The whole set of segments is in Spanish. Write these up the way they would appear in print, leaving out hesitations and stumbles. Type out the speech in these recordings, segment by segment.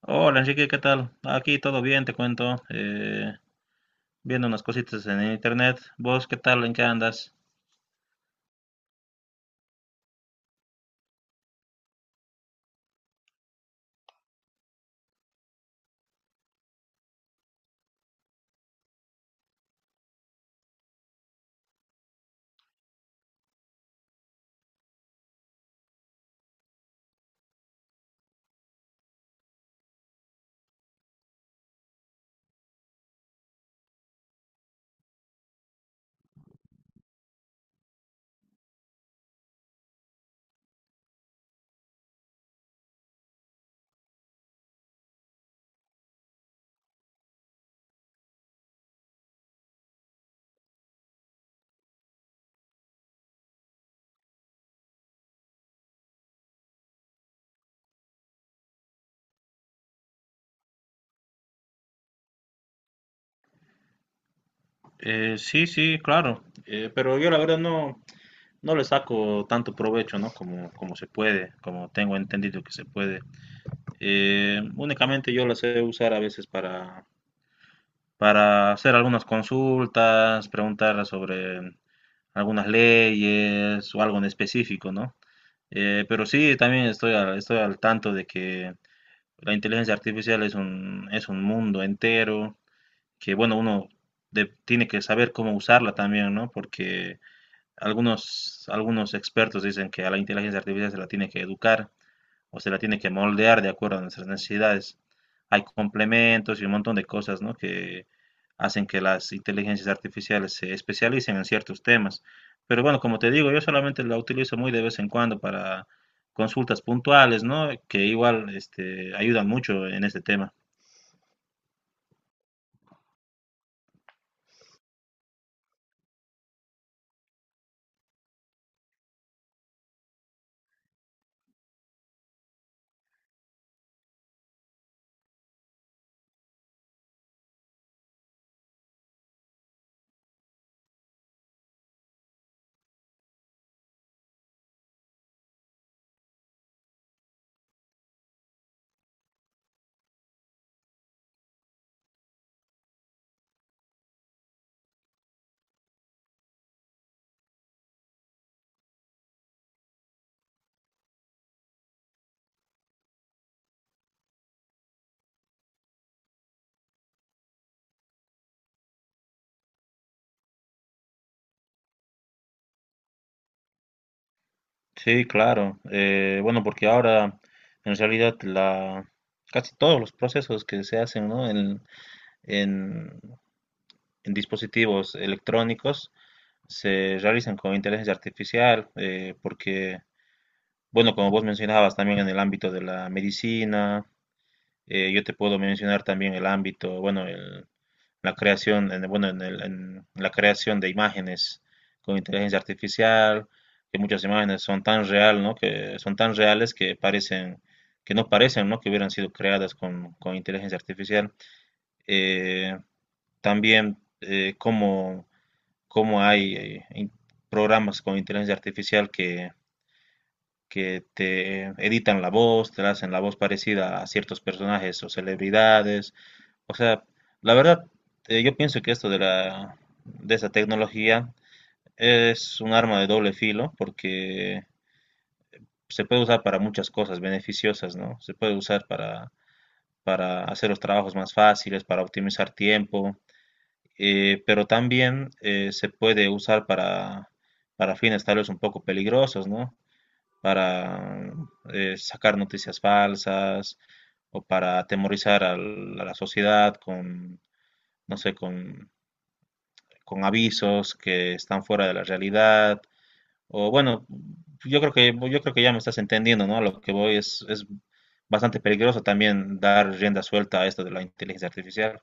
Hola Enrique, ¿qué tal? Aquí todo bien, te cuento. Viendo unas cositas en internet. ¿Vos qué tal? ¿En qué andas? Sí, sí, claro. Pero yo la verdad no le saco tanto provecho, ¿no? Como se puede, como tengo entendido que se puede. Únicamente yo la sé usar a veces para hacer algunas consultas, preguntar sobre algunas leyes o algo en específico, ¿no? Pero sí, también estoy al tanto de que la inteligencia artificial es un mundo entero que, bueno, tiene que saber cómo usarla también, ¿no? Porque algunos expertos dicen que a la inteligencia artificial se la tiene que educar, usted la tiene que moldear de acuerdo a nuestras necesidades. Hay complementos y un montón de cosas, ¿no?, que hacen que las inteligencias artificiales se especialicen en ciertos temas. Pero bueno, como te digo, yo solamente la utilizo muy de vez en cuando para consultas puntuales, ¿no? Que igual este, ayudan mucho en este tema. Sí, claro. Bueno, porque ahora en realidad casi todos los procesos que se hacen, ¿no?, en- en dispositivos electrónicos se realizan con inteligencia artificial, porque, bueno, como vos mencionabas también en el ámbito de la medicina, yo te puedo mencionar también el ámbito, bueno, la creación, en, bueno, en la creación de imágenes con inteligencia artificial, que muchas imágenes son tan real, ¿no? Que son tan reales que parecen, que no parecen, ¿no?, que hubieran sido creadas con inteligencia artificial. Eh, también, cómo Cómo hay in- Programas con inteligencia artificial que te editan la voz, te hacen la voz parecida a ciertos personajes o celebridades. O sea, la verdad, yo pienso que esto de de esa tecnología es un arma de doble filo porque se puede usar para muchas cosas beneficiosas, ¿no? Se puede usar para hacer los trabajos más fáciles, para optimizar tiempo, pero también se puede usar para fines tal vez un poco peligrosos, ¿no? Para sacar noticias falsas o para atemorizar a la sociedad con, no sé, con avisos que están fuera de la realidad. O bueno, yo creo que ya me estás entendiendo, ¿no? A lo que voy es bastante peligroso también dar rienda suelta a esto de la inteligencia artificial.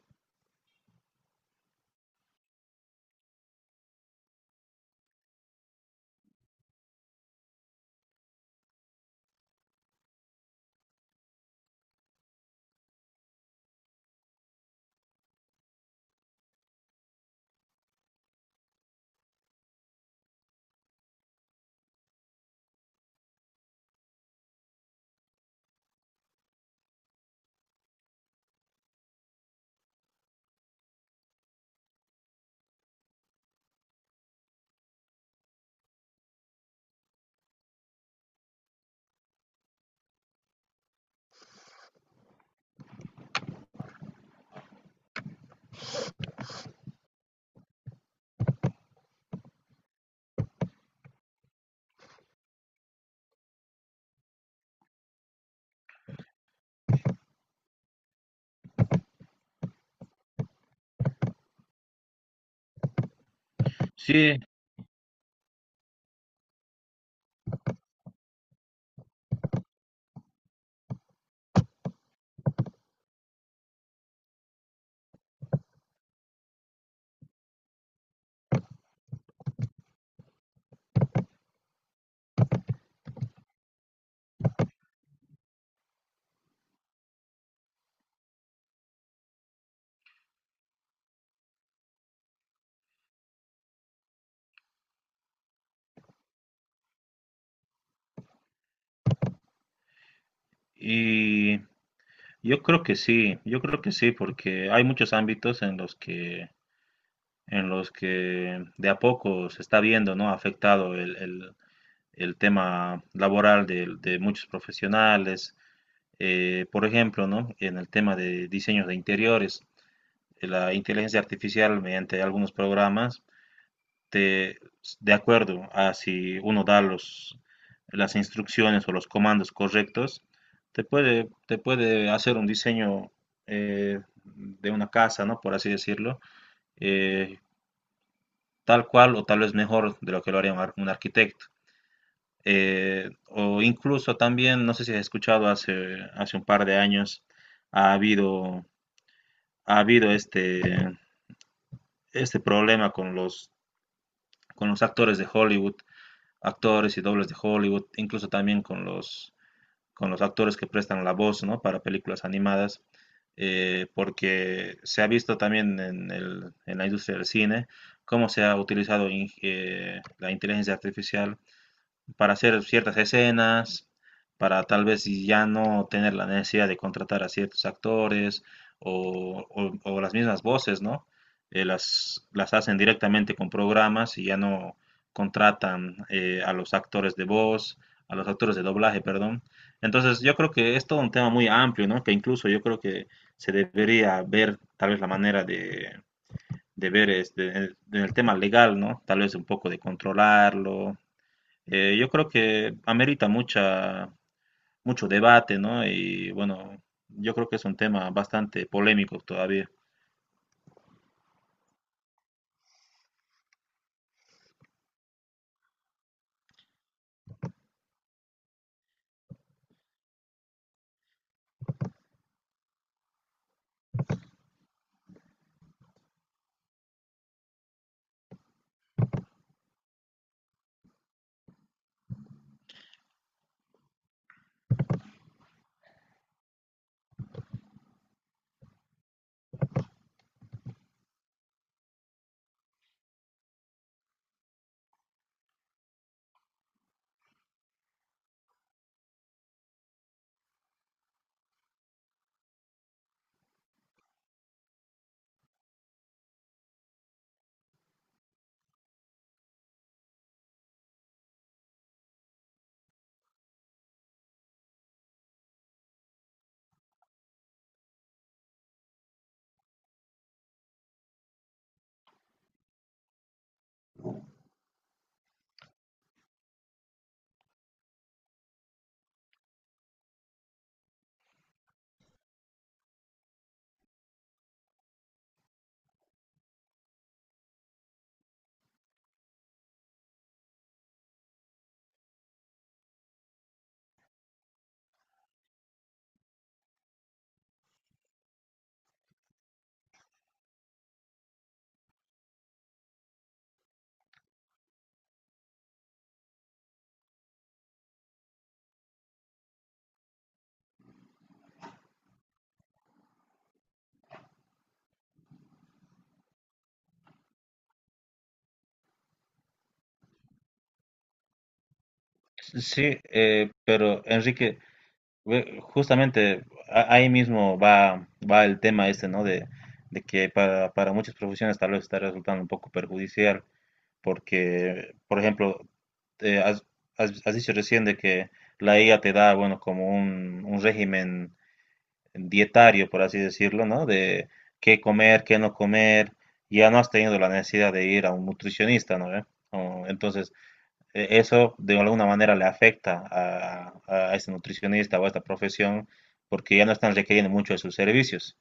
Y yo creo que sí, yo creo que sí, porque hay muchos ámbitos en los que de a poco se está viendo, ¿no?, afectado el tema laboral de muchos profesionales. Por ejemplo, ¿no?, en el tema de diseños de interiores, la inteligencia artificial mediante algunos programas de, de acuerdo a si uno da las instrucciones o los comandos correctos, te puede hacer un diseño, de una casa, ¿no? Por así decirlo, eh, tal cual o tal vez mejor de lo que lo haría un arquitecto. O incluso también, no sé si has escuchado hace un par de años, ha habido, ha habido este problema con con los actores de Hollywood, actores y dobles de Hollywood, incluso también con con los actores que prestan la voz, ¿no? Para películas animadas, porque se ha visto también en, en la industria del cine cómo se ha utilizado la inteligencia artificial para hacer ciertas escenas, para tal vez si ya no tener la necesidad de contratar a ciertos actores o las mismas voces, ¿no? Las hacen directamente con programas y ya no contratan a los actores de voz, a los actores de doblaje, perdón. Entonces yo creo que es todo un tema muy amplio, ¿no?, que incluso yo creo que se debería ver tal vez la manera de ver este, en el tema legal, ¿no? Tal vez un poco de controlarlo. Yo creo que amerita mucho debate, ¿no? Y bueno, yo creo que es un tema bastante polémico todavía. Sí, pero Enrique, justamente ahí mismo va el tema este, ¿no? De que para muchas profesiones tal vez está resultando un poco perjudicial, porque, por ejemplo, eh, has, has dicho recién de que la IA te da, bueno, como un régimen dietario, por así decirlo, ¿no? De qué comer, qué no comer, ya no has tenido la necesidad de ir a un nutricionista, ¿no? ¿Ve? O, entonces, eso de alguna manera le afecta a este nutricionista o a esta profesión porque ya no están requiriendo mucho de sus servicios.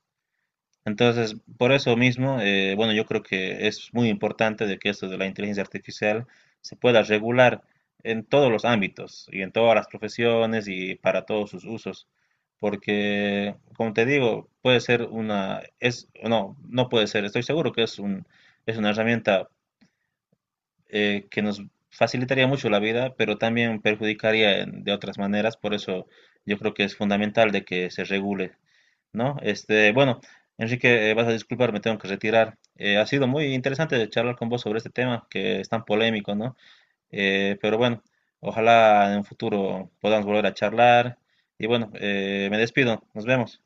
Entonces, por eso mismo, bueno, yo creo que es muy importante de que esto de la inteligencia artificial se pueda regular en todos los ámbitos y en todas las profesiones y para todos sus usos, porque, como te digo, puede ser una, es, no, no puede ser, estoy seguro que es una herramienta que nos facilitaría mucho la vida, pero también perjudicaría de otras maneras, por eso yo creo que es fundamental de que se regule. ¿No? Este, bueno, Enrique, vas a disculpar, me tengo que retirar. Ha sido muy interesante charlar con vos sobre este tema que es tan polémico, ¿no? Pero bueno, ojalá en un futuro podamos volver a charlar. Y bueno, me despido, nos vemos.